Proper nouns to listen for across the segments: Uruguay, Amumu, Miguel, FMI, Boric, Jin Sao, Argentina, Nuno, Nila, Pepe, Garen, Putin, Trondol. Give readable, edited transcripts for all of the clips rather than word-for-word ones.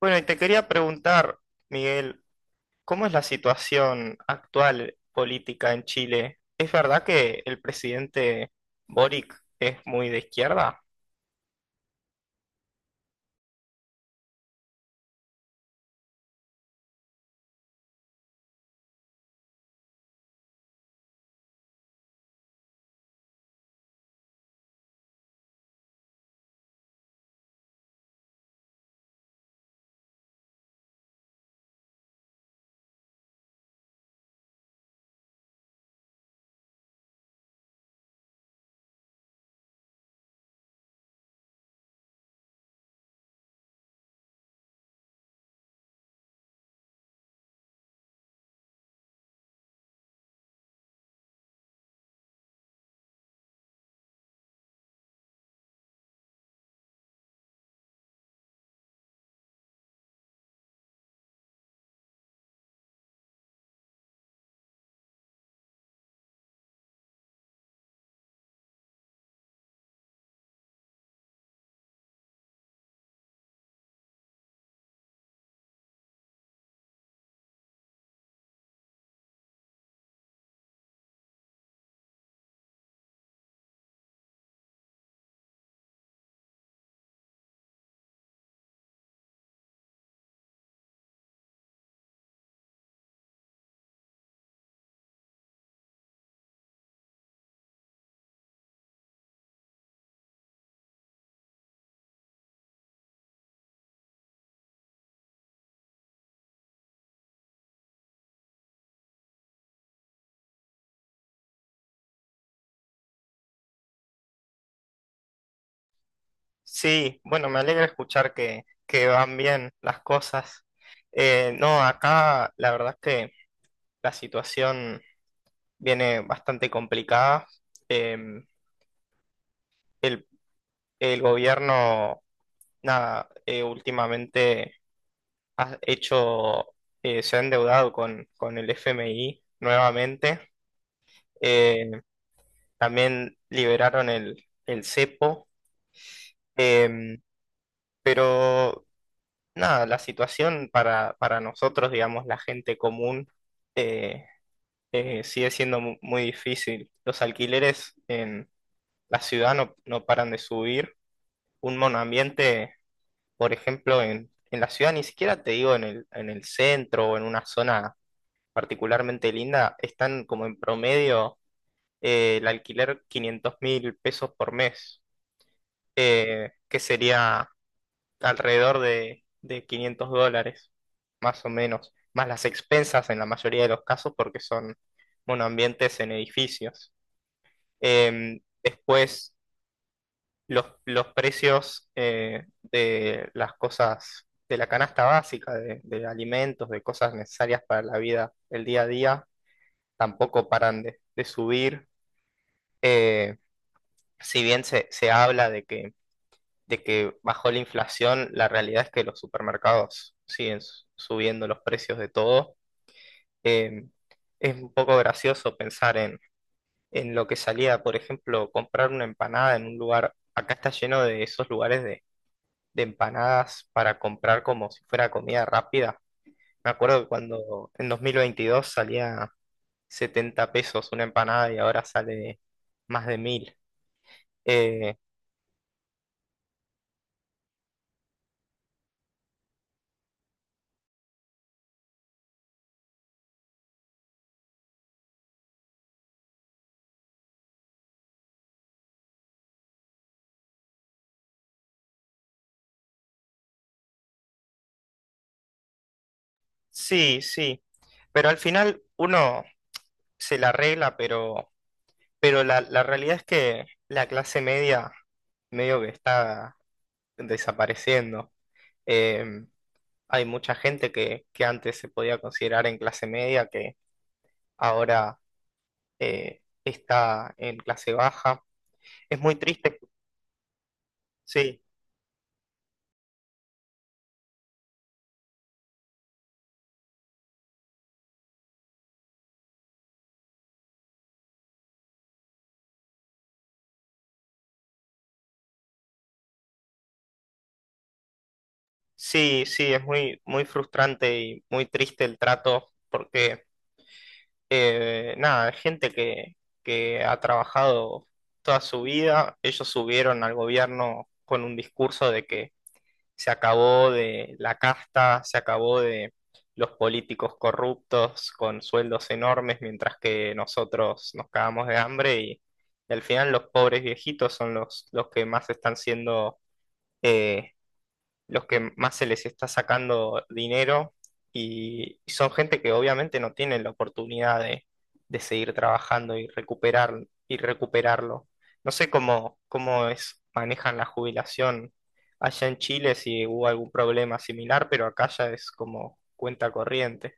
Bueno, y te quería preguntar, Miguel, ¿cómo es la situación actual política en Chile? ¿Es verdad que el presidente Boric es muy de izquierda? Sí, bueno, me alegra escuchar que van bien las cosas. No, acá la verdad es que la situación viene bastante complicada. Em, el, el gobierno, nada, últimamente ha hecho, se ha endeudado con el FMI nuevamente. Eh, También liberaron el cepo. Eh, pero nada, la situación para nosotros, digamos, la gente común, eh, sigue siendo muy difícil. Los alquileres en la ciudad no paran de subir. Un monoambiente, por ejemplo, en la ciudad, ni siquiera te digo en el centro o en una zona particularmente linda, están como en promedio el alquiler 500 mil pesos por mes, que sería alrededor de $500, más o menos, más las expensas en la mayoría de los casos porque son monoambientes en edificios. Después, los precios de las cosas, de la canasta básica, de alimentos, de cosas necesarias para la vida, el día a día tampoco paran de subir. Eh, si bien se habla de que bajó la inflación, la realidad es que los supermercados siguen subiendo los precios de todo. Eh, es un poco gracioso pensar en lo que salía, por ejemplo, comprar una empanada en un lugar, acá está lleno de esos lugares de empanadas para comprar como si fuera comida rápida. Me acuerdo que cuando en 2022 salía 70 pesos una empanada y ahora sale más de mil. Eh, sí, sí, pero al final uno se la arregla, pero la realidad es que la clase media medio que está desapareciendo. Eh, Hay mucha gente que antes se podía considerar en clase media que ahora está en clase baja. Es muy triste, sí, sí, sí, es muy, muy frustrante y muy triste el trato porque nada, gente que ha trabajado toda su vida. Ellos subieron al gobierno con un discurso de que se acabó de la casta, se acabó de los políticos corruptos con sueldos enormes, mientras que nosotros nos cagamos de hambre, y al final los pobres viejitos son los que más están siendo, eh, los que más se les está sacando dinero, y son gente que obviamente no tienen la oportunidad de seguir trabajando y recuperarlo. No sé cómo manejan la jubilación allá en Chile, si hubo algún problema similar, pero acá ya es como cuenta corriente.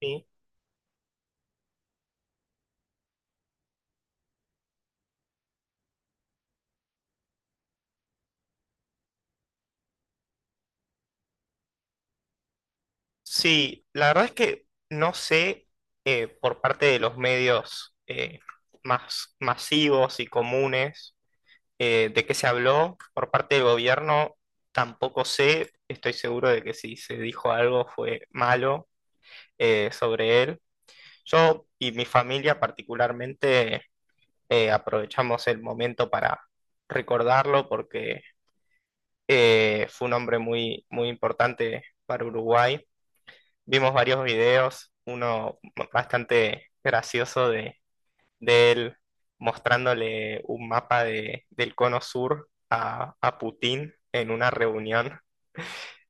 Sí, sí, la verdad es que no sé, por parte de los medios más masivos y comunes. ¿De qué se habló por parte del gobierno? Tampoco sé, estoy seguro de que si se dijo algo fue malo sobre él. Yo y mi familia particularmente aprovechamos el momento para recordarlo porque fue un hombre muy, muy importante para Uruguay. Vimos varios videos, uno bastante gracioso de él mostrándole un mapa del cono sur a Putin en una reunión.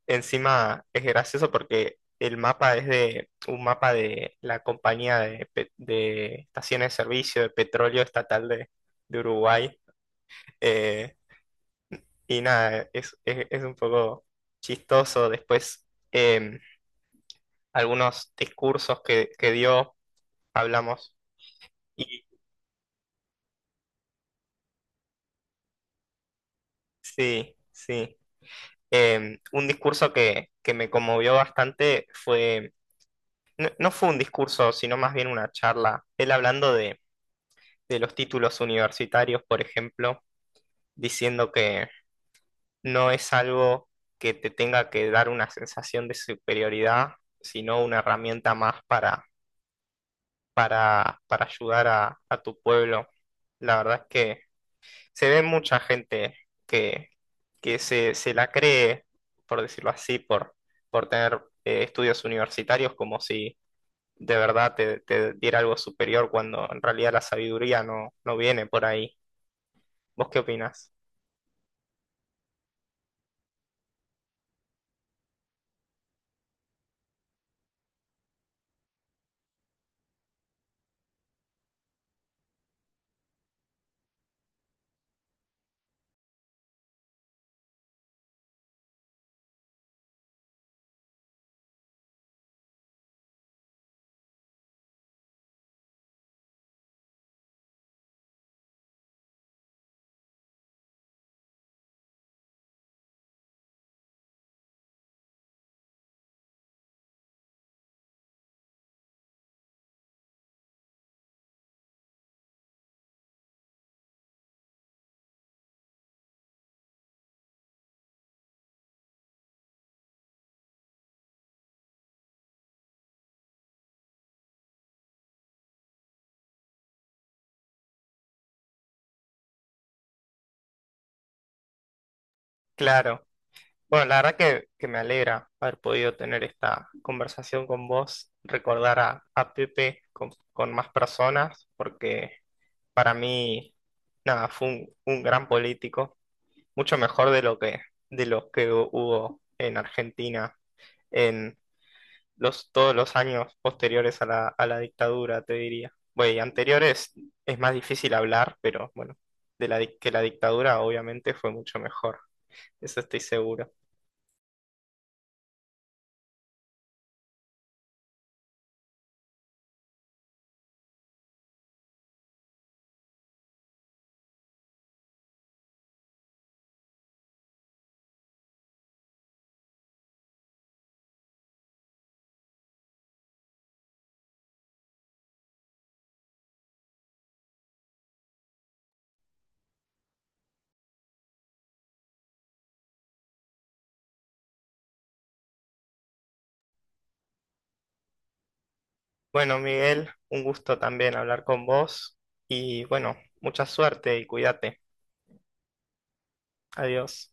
Encima es gracioso porque el mapa es de un mapa de la compañía de estaciones de servicio de petróleo estatal de Uruguay. Eh, y nada, es un poco chistoso. Después, em, algunos discursos que dio, hablamos. Y sí, sí. Un discurso que me conmovió bastante fue, no fue un discurso, sino más bien una charla. Él hablando de los títulos universitarios, por ejemplo, diciendo que no es algo que te tenga que dar una sensación de superioridad, sino una herramienta más para ayudar a tu pueblo. La verdad es que se ve mucha gente que, que se la cree, por decirlo así, por tener estudios universitarios, como si de verdad te diera algo superior cuando en realidad la sabiduría no viene por ahí. ¿Vos qué opinás? Claro. Bueno, la verdad que me alegra haber podido tener esta conversación con vos, recordar a Pepe con más personas, porque para mí, nada, fue un gran político, mucho mejor de lo que hubo en Argentina en todos los años posteriores a la dictadura, te diría. Bueno, y anteriores es más difícil hablar, pero bueno, que la dictadura obviamente fue mucho mejor, eso estoy seguro. Bueno, Miguel, un gusto también hablar con vos y bueno, mucha suerte y cuídate. Adiós.